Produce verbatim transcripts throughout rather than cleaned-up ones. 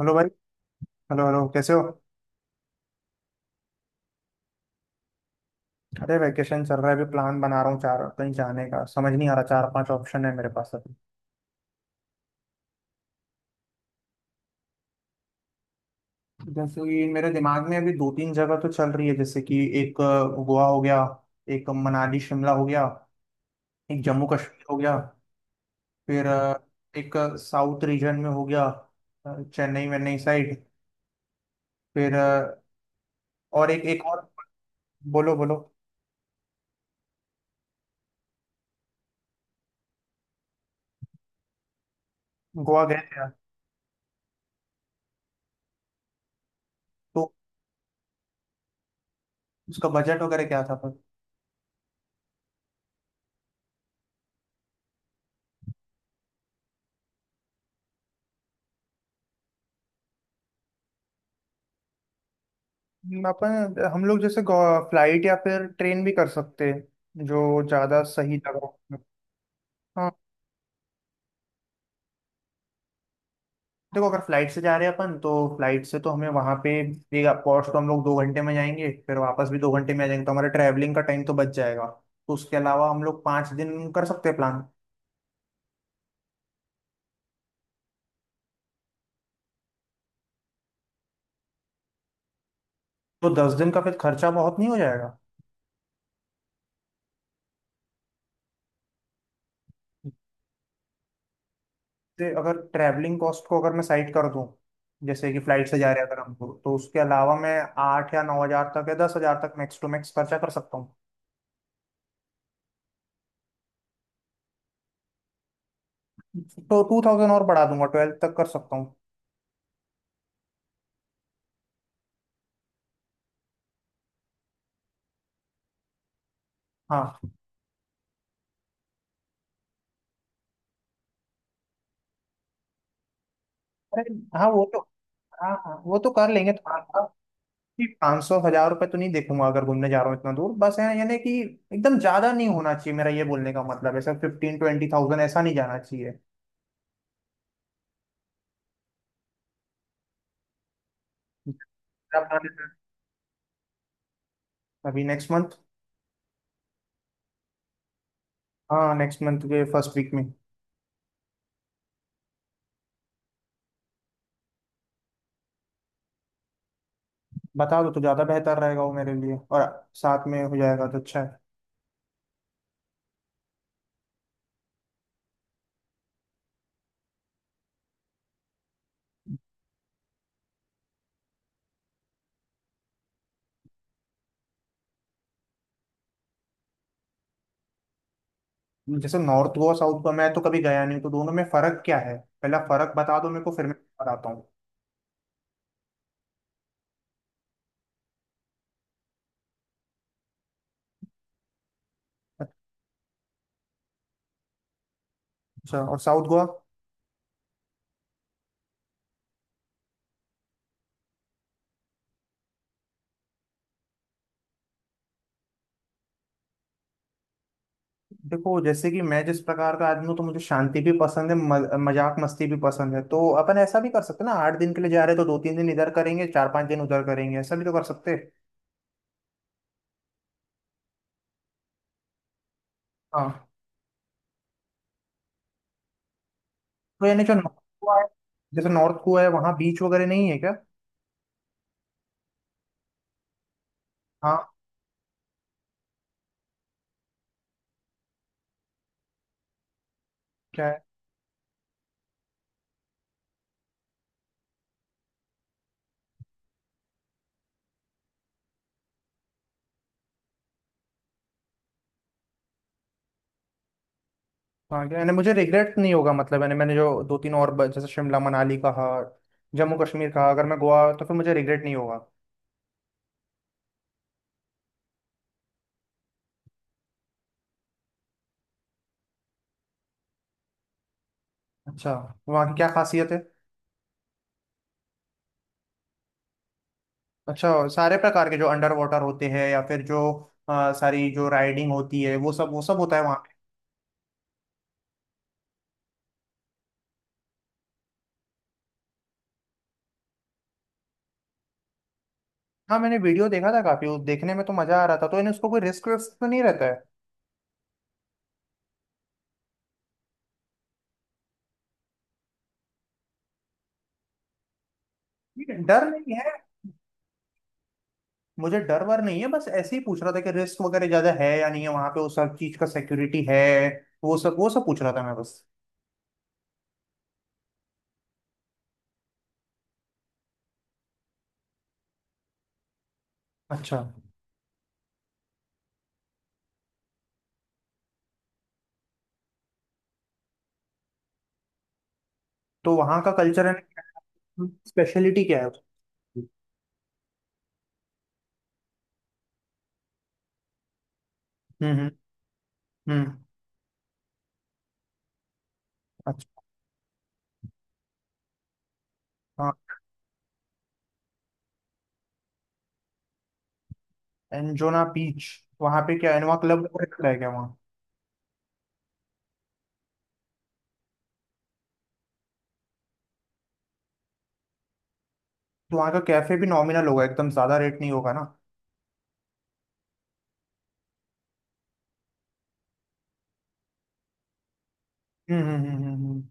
Hello भाई। Hello hello कैसे हो। अरे वैकेशन चल रहा है, अभी प्लान बना रहा हूँ चार कहीं जाने का, समझ नहीं आ रहा, चार पांच ऑप्शन है मेरे पास अभी। जैसे कि मेरे दिमाग में अभी दो तीन जगह तो चल रही है। जैसे कि एक अ, गोवा हो गया। एक मनाली शिमला हो गया। एक जम्मू कश्मीर हो गया। फिर अ, एक साउथ रीजन में हो गया। अ, चेन्नई वेन्नई साइड। फिर अ, और एक एक और। बोलो बोलो। गोवा गए थे यार। तो उसका बजट वगैरह क्या था। हम- अपन हम लोग जैसे फ्लाइट या फिर ट्रेन भी कर सकते हैं, जो ज़्यादा सही लगा। हाँ। देखो अगर फ्लाइट से जा रहे हैं अपन, तो फ्लाइट से तो हमें वहाँ पे एक पहुँच, तो हम लोग दो घंटे में जाएंगे फिर वापस भी दो घंटे में आ जाएंगे, तो हमारा ट्रैवलिंग का टाइम तो बच जाएगा। तो उसके अलावा हम लोग पाँच दिन कर सकते हैं प्लान। तो दस दिन का फिर खर्चा बहुत नहीं हो जाएगा? जैसे अगर ट्रैवलिंग कॉस्ट को अगर मैं साइड कर दूं, जैसे कि फ्लाइट से जा रहे हैं अगर हमको, तो उसके अलावा मैं आठ या नौ हज़ार तक या दस हज़ार तक मैक्स टू मैक्स खर्चा कर सकता। तो टू थाउजेंड और बढ़ा दूंगा, ट्वेल्थ तक कर सकता हूँ। हाँ। अरे, हाँ वो तो। हाँ हाँ वो तो कर लेंगे, तो आपकी। पाँच सौ हजार रुपये तो नहीं देखूंगा अगर घूमने जा रहा हूँ इतना दूर, बस है यानी कि एकदम ज्यादा नहीं होना चाहिए, मेरा ये बोलने का मतलब है सर, फिफ्टीन ट्वेंटी थाउजेंड ऐसा नहीं जाना चाहिए। क्या plan है सर? अभी नेक्स्ट मंथ। हाँ, नेक्स्ट मंथ के फर्स्ट वीक में। बता दो तो ज्यादा बेहतर रहेगा वो मेरे लिए, और साथ में हो जाएगा तो अच्छा है। जैसे नॉर्थ गोवा साउथ गोवा मैं तो कभी गया नहीं हूँ, तो दोनों में फर्क क्या है, पहला फर्क बता दो मेरे को, फिर मैं बताता हूँ। अच्छा, और साउथ गोवा? देखो, जैसे कि मैं जिस प्रकार का आदमी हूँ तो मुझे शांति भी पसंद है, मज, मजाक मस्ती भी पसंद है, तो अपन ऐसा भी कर सकते हैं ना, आठ दिन के लिए जा रहे हैं तो दो तीन दिन इधर करेंगे चार पांच दिन उधर करेंगे, ऐसा भी तो कर सकते हैं। हाँ। तो यानी जो नॉर्थ गोवा है, जैसे नॉर्थ गोवा है वहाँ बीच वगैरह नहीं है क्या? हाँ। क्या है? हाँ क्या, यानी मुझे रिग्रेट नहीं होगा? मतलब यानी मैंने जो दो तीन और ब- जैसे शिमला मनाली कहा, जम्मू कश्मीर कहा, अगर मैं गोवा तो फिर मुझे रिग्रेट नहीं होगा? अच्छा, वहाँ की क्या खासियत है? अच्छा, सारे प्रकार के जो अंडर वाटर होते हैं या फिर जो अ, सारी जो राइडिंग होती है वो सब वो सब होता है वहाँ पे? हाँ, मैंने वीडियो देखा था काफी, उस देखने में तो मजा आ रहा था, तो इन उसको कोई रिस्क विस्क तो नहीं रहता है? ठीक है, डर नहीं है। मुझे डर वर नहीं है, बस ऐसे ही पूछ रहा था कि रिस्क वगैरह ज्यादा है या नहीं है वहाँ पे, वो सब चीज का सिक्योरिटी है, वो सब वो सब पूछ रहा था मैं बस। अच्छा, तो वहाँ का कल्चर एंड स्पेशलिटी क्या है उसकी? हम्म हम्म हम्म। अच्छा। हाँ। एंजोना बीच, वहाँ पे क्या इनोवा क्लब रहता है क्या वहाँ? वहाँ का कैफे भी नॉमिनल होगा, एकदम ज्यादा रेट नहीं होगा ना? हम्म हम्म हम्म हम्म, हम्म।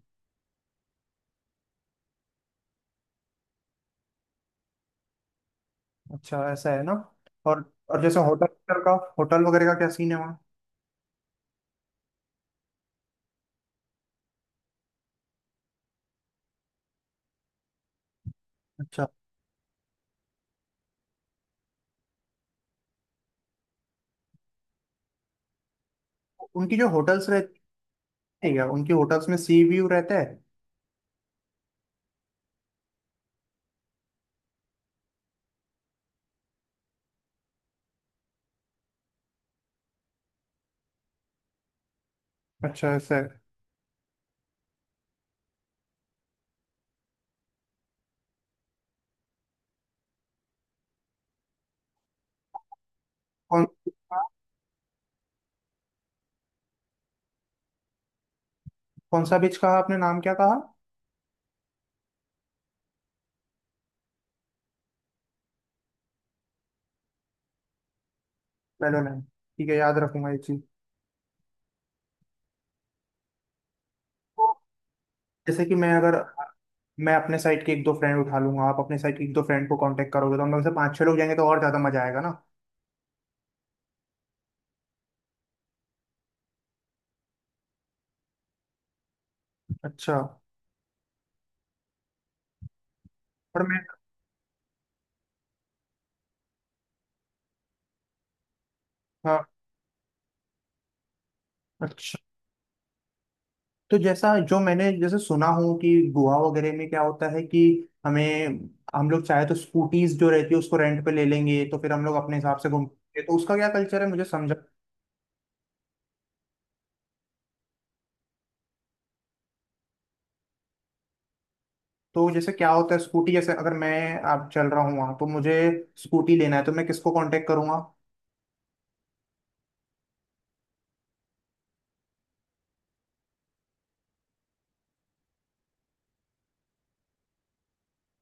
अच्छा, ऐसा है ना। और। और जैसे होटल का, होटल वगैरह का क्या सीन है वहाँ? अच्छा। उनकी जो होटल्स रहती है क्या, उनकी होटल्स में सी व्यू रहता है? अच्छा ऐसा है। कौन कौन सा बीच कहा आपने, नाम क्या कहा? मेडोलैंड। ठीक है, याद रखूंगा ये चीज। जैसे कि मैं अगर, मैं अपने साइड के एक दो फ्रेंड उठा लूंगा, आप अपने साइड के एक दो फ्रेंड को कांटेक्ट करोगे तो हम लोग से पाँच छह लोग जाएंगे तो और ज्यादा मजा आएगा ना। अच्छा। पर मैं। हाँ। अच्छा, तो जैसा जो मैंने जैसे सुना हूँ कि गोवा वगैरह में क्या होता है कि हमें, हम लोग चाहे तो स्कूटीज जो रहती है उसको रेंट पे ले लेंगे तो फिर हम लोग अपने हिसाब से घूमेंगे, तो उसका क्या कल्चर है मुझे समझा। तो जैसे क्या होता है स्कूटी, जैसे अगर मैं आप चल रहा हूँ वहाँ तो मुझे स्कूटी लेना है तो मैं किसको कांटेक्ट करूंगा?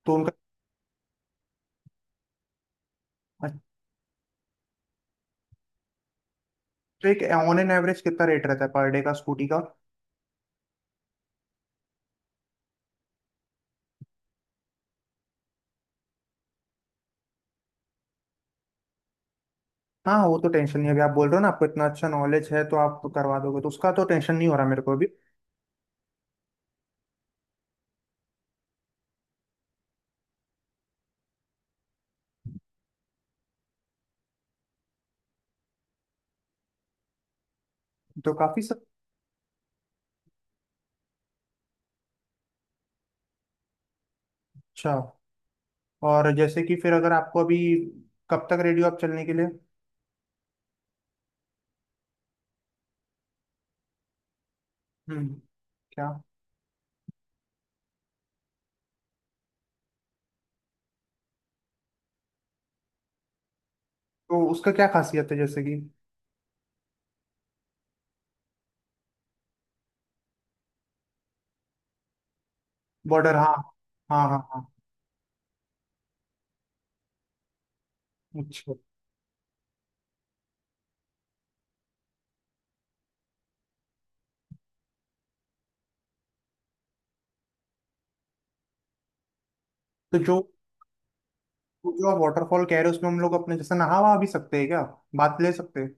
तो उनका। तो एक ऑन एन एवरेज कितना रेट रहता है पर डे का स्कूटी का? हाँ वो तो टेंशन नहीं है अभी, आप बोल रहे हो ना, आपको इतना अच्छा नॉलेज है तो आप करवा दोगे तो उसका तो टेंशन नहीं हो रहा मेरे को अभी। तो काफी सब। अच्छा, और जैसे कि फिर अगर आपको अभी, कब तक रेडी हो आप चलने के लिए? हम्म। क्या? तो उसका क्या खासियत है जैसे कि? बॉर्डर हाँ। हाँ हाँ हाँ। अच्छा। तो जो जो आप वाटरफॉल कह रहे हो उसमें हम लोग अपने जैसे नहा वहा भी सकते हैं क्या, बात ले सकते हैं?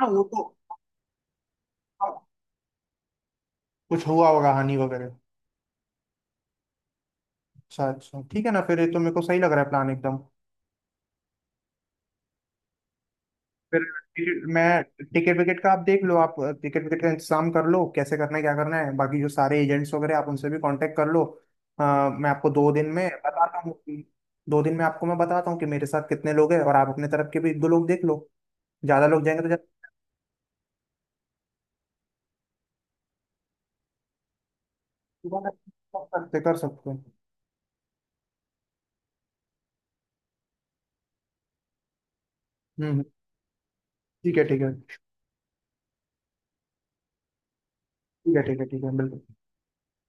हाँ वो तो। हाँ, कुछ हुआ होगा हानि वगैरह। अच्छा अच्छा, ठीक है ना, फिर ये तो मेरे को सही लग रहा है प्लान एकदम। फिर। फिर मैं, टिकट विकेट का आप देख लो, आप टिकट विकेट का इंतजाम कर लो, कैसे करना है क्या करना है, बाकी जो सारे एजेंट्स वगैरह आप उनसे भी कांटेक्ट कर लो। अ, मैं आपको दो दिन में बताता हूँ कि- दो दिन में आपको मैं बताता हूँ कि मेरे साथ कितने लोग हैं और आप अपने तरफ के भी एक दो लोग देख लो, ज्यादा लोग जाएंगे तो ज्यादा। कर सकते कर सकते हैं। हम्म। ठीक है ठीक है ठीक है, ठीक है ठीक है बिल्कुल।